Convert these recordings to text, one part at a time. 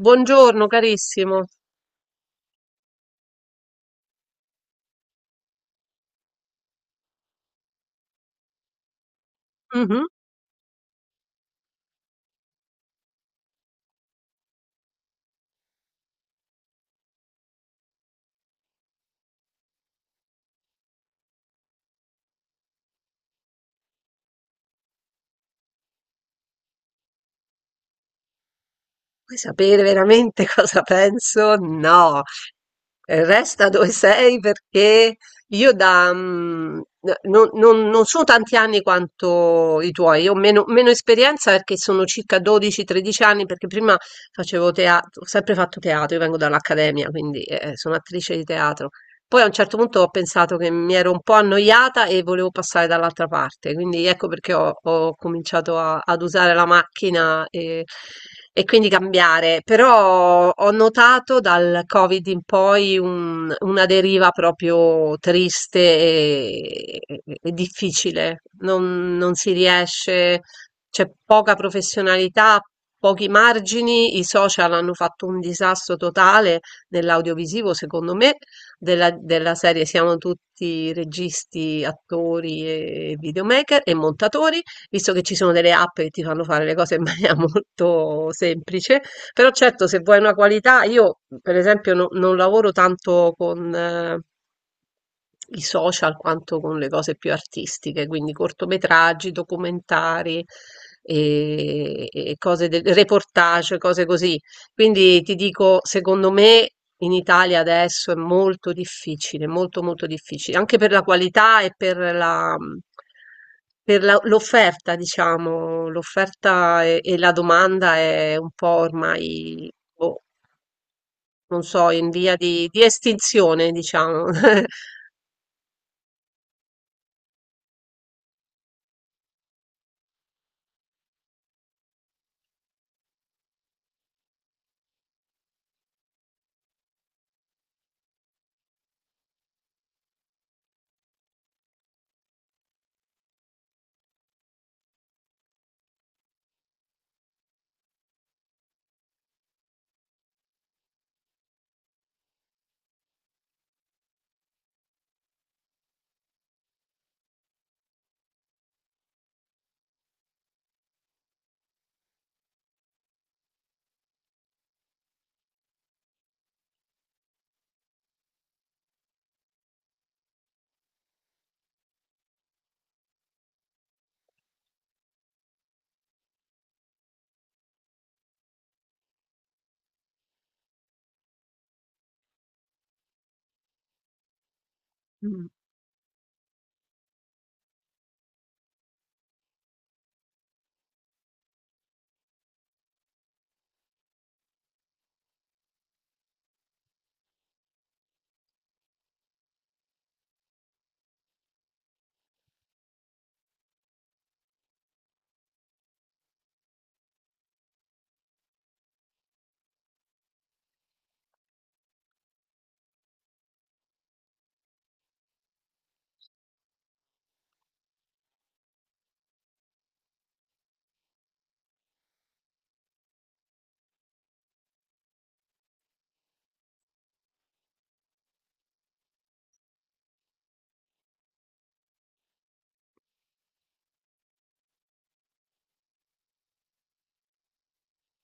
Buongiorno carissimo. Mh-mh. Vuoi sapere veramente cosa penso? No. Resta dove sei perché io da mhmm, n non non non sono tanti anni quanto i tuoi. Io ho meno esperienza perché sono circa 12, 13 anni, perché prima facevo teat ho sempre fatto teatro. Io vengo dall'accademia, quindi, sono attrice di teatro. Poi a un certo punto ho pensato che mi ero un po' annoiata e volevo passare dall'altra parte, quindi ecco perché ho cominciato ad usare la macchina e quindi cambiare. Però ho notato dal Covid in poi una deriva proprio triste e difficile. Non si riesce, c'è poca professionalità, pochi margini, i social hanno fatto un disastro totale nell'audiovisivo, secondo me, della serie siamo tutti registi, attori e videomaker e montatori, visto che ci sono delle app che ti fanno fare le cose in maniera molto semplice. Però certo, se vuoi una qualità, io per esempio non lavoro tanto con i social, quanto con le cose più artistiche, quindi cortometraggi, documentari e cose del reportage, cose così. Quindi ti dico, secondo me in Italia adesso è molto difficile, molto molto difficile, anche per la qualità e per l'offerta, diciamo, l'offerta e la domanda è un po' ormai, boh, non so, in via di estinzione, diciamo.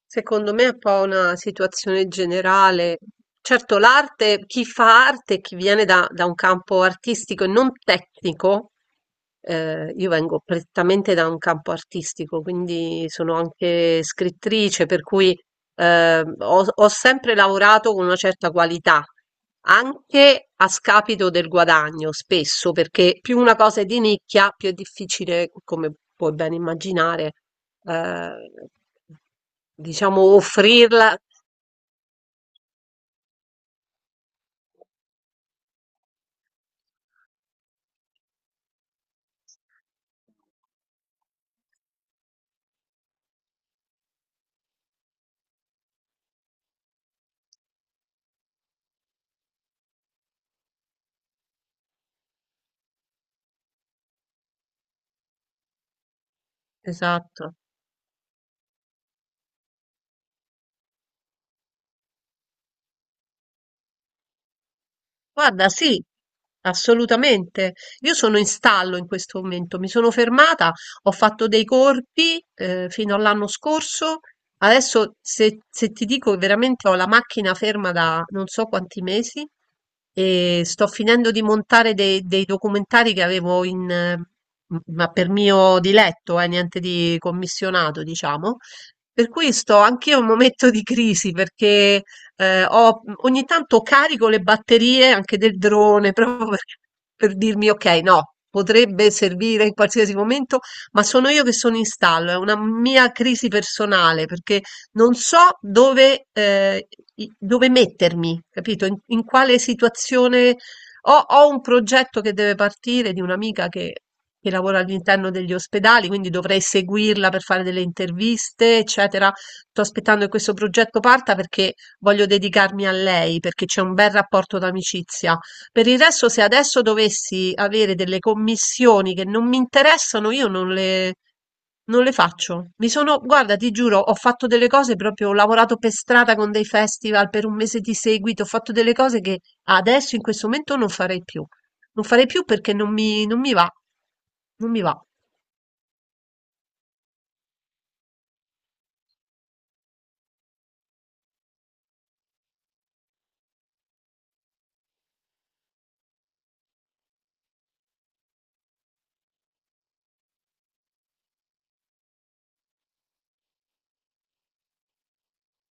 Secondo me è un po' una situazione generale. Certo, l'arte, chi fa arte, chi viene da un campo artistico e non tecnico. Io vengo prettamente da un campo artistico, quindi sono anche scrittrice, per cui ho sempre lavorato con una certa qualità, anche a scapito del guadagno, spesso, perché più una cosa è di nicchia, più è difficile, come puoi ben immaginare, eh, diciamo, offrirla. Esatto. Guarda, sì, assolutamente. Io sono in stallo in questo momento, mi sono fermata, ho fatto dei corpi fino all'anno scorso. Adesso se ti dico veramente, ho la macchina ferma da non so quanti mesi e sto finendo di montare dei documentari che avevo ma per mio diletto, niente di commissionato, diciamo. Per cui sto anch'io in un momento di crisi perché ogni tanto carico le batterie anche del drone proprio per dirmi ok, no, potrebbe servire in qualsiasi momento, ma sono io che sono in stallo, è una mia crisi personale perché non so dove mettermi, capito? In quale situazione ho un progetto che deve partire di un'amica che lavora all'interno degli ospedali, quindi dovrei seguirla per fare delle interviste, eccetera. Sto aspettando che questo progetto parta perché voglio dedicarmi a lei perché c'è un bel rapporto d'amicizia. Per il resto, se adesso dovessi avere delle commissioni che non mi interessano, io non le faccio. Mi sono, guarda, ti giuro, ho fatto delle cose proprio, ho lavorato per strada con dei festival per un mese di seguito, ho fatto delle cose che adesso in questo momento non farei più. Non farei più perché non mi va. Non mi va.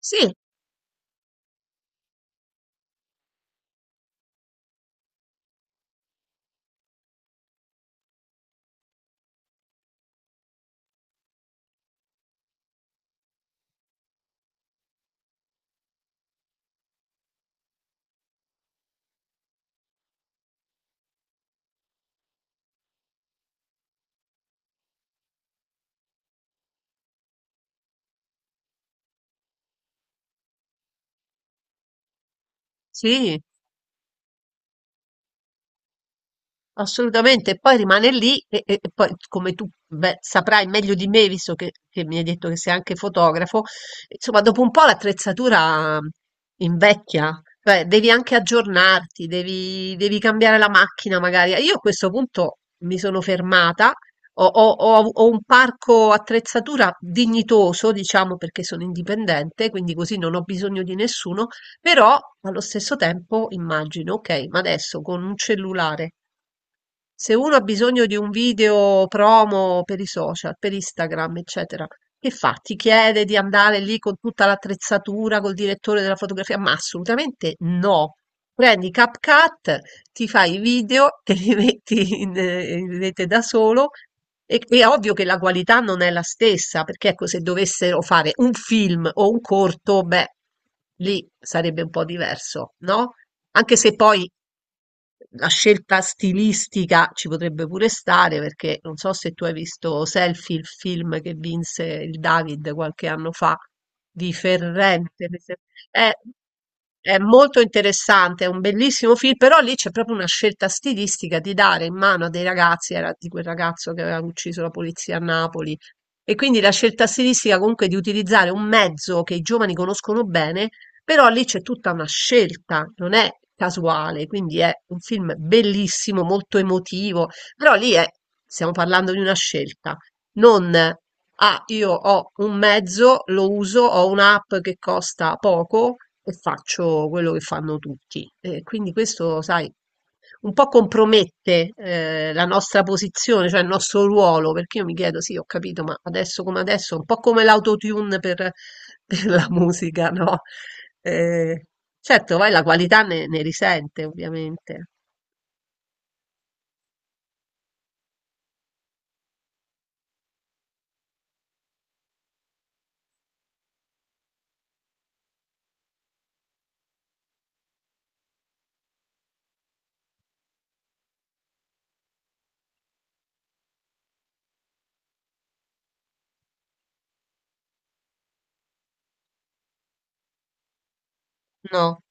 Sì, sì. Assolutamente, poi rimane lì e poi, come tu beh, saprai meglio di me, visto che mi hai detto che sei anche fotografo, insomma, dopo un po' l'attrezzatura invecchia, cioè devi anche aggiornarti, devi cambiare la macchina magari. Io a questo punto mi sono fermata, ho un parco attrezzatura dignitoso, diciamo, perché sono indipendente, quindi così non ho bisogno di nessuno, però allo stesso tempo immagino, ok, ma adesso con un cellulare, se uno ha bisogno di un video promo per i social, per Instagram, eccetera, che fa? Ti chiede di andare lì con tutta l'attrezzatura, col direttore della fotografia? Ma assolutamente no. Prendi CapCut, ti fai i video, te li metti in rete da solo. E, è ovvio che la qualità non è la stessa, perché ecco, se dovessero fare un film o un corto, beh, lì sarebbe un po' diverso, no? Anche se poi la scelta stilistica ci potrebbe pure stare perché non so se tu hai visto Selfie, il film che vinse il David qualche anno fa di Ferrente. È, è molto interessante, è un bellissimo film, però lì c'è proprio una scelta stilistica di dare in mano a dei ragazzi, era di quel ragazzo che aveva ucciso la polizia a Napoli. E quindi la scelta stilistica, comunque, di utilizzare un mezzo che i giovani conoscono bene, però lì c'è tutta una scelta, non è casuale, quindi è un film bellissimo, molto emotivo, però lì è, stiamo parlando di una scelta, non ah, io ho un mezzo, lo uso, ho un'app che costa poco e faccio quello che fanno tutti. E quindi questo, sai, un po' compromette la nostra posizione, cioè il nostro ruolo, perché io mi chiedo, sì, ho capito, ma adesso come adesso, un po' come l'autotune per la musica, no? Eh, certo, poi la qualità ne risente, ovviamente. No?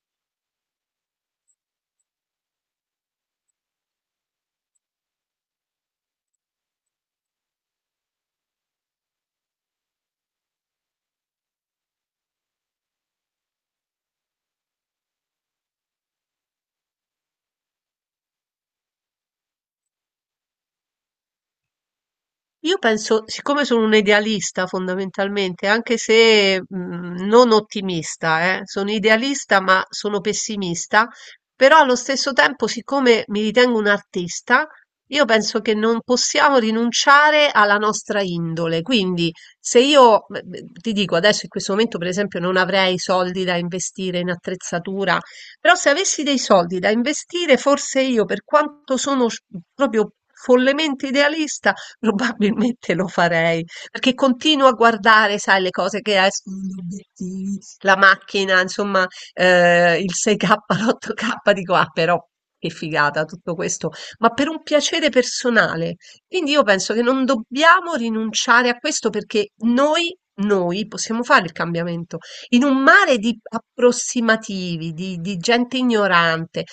Io penso, siccome sono un idealista fondamentalmente, anche se non ottimista, sono idealista ma sono pessimista, però allo stesso tempo, siccome mi ritengo un artista, io penso che non possiamo rinunciare alla nostra indole. Quindi, se io, beh, ti dico adesso in questo momento, per esempio, non avrei soldi da investire in attrezzatura, però se avessi dei soldi da investire, forse io, per quanto sono proprio follemente idealista, probabilmente lo farei, perché continuo a guardare, sai, le cose che escono, gli obiettivi, la macchina, insomma, il 6K, l'8K, dico, ah, però che figata tutto questo, ma per un piacere personale. Quindi io penso che non dobbiamo rinunciare a questo perché noi possiamo fare il cambiamento. In un mare di approssimativi, di gente ignorante,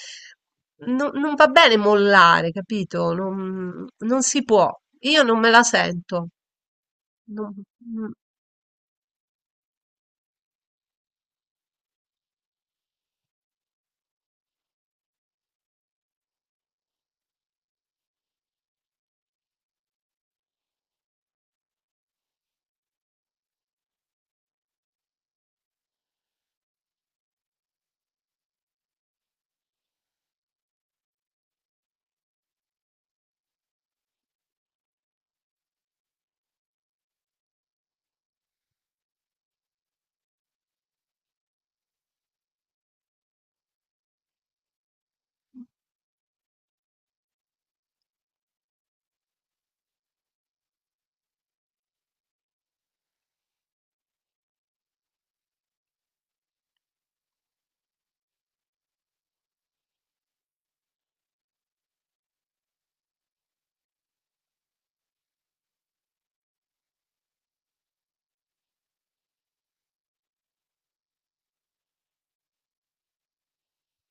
Non va bene mollare, capito? Non si può. Io non me la sento. Non- mm.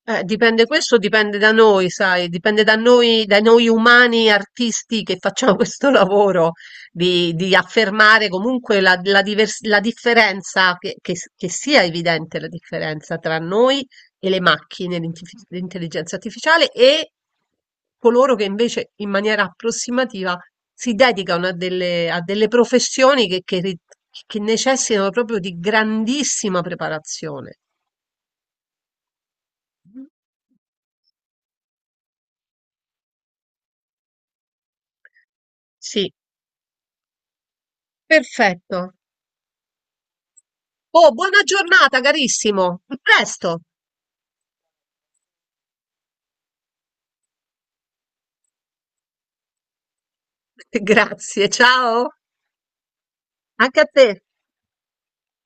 Dipende, questo dipende da noi, sai, dipende da noi, dai noi umani artisti che facciamo questo lavoro di affermare comunque la differenza, che sia evidente la differenza tra noi e le macchine, l'intelligenza artificiale e coloro che invece in maniera approssimativa si dedicano a delle professioni che necessitano proprio di grandissima preparazione. Sì. Perfetto. Oh, buona giornata carissimo. A presto. Grazie, ciao. Anche a te.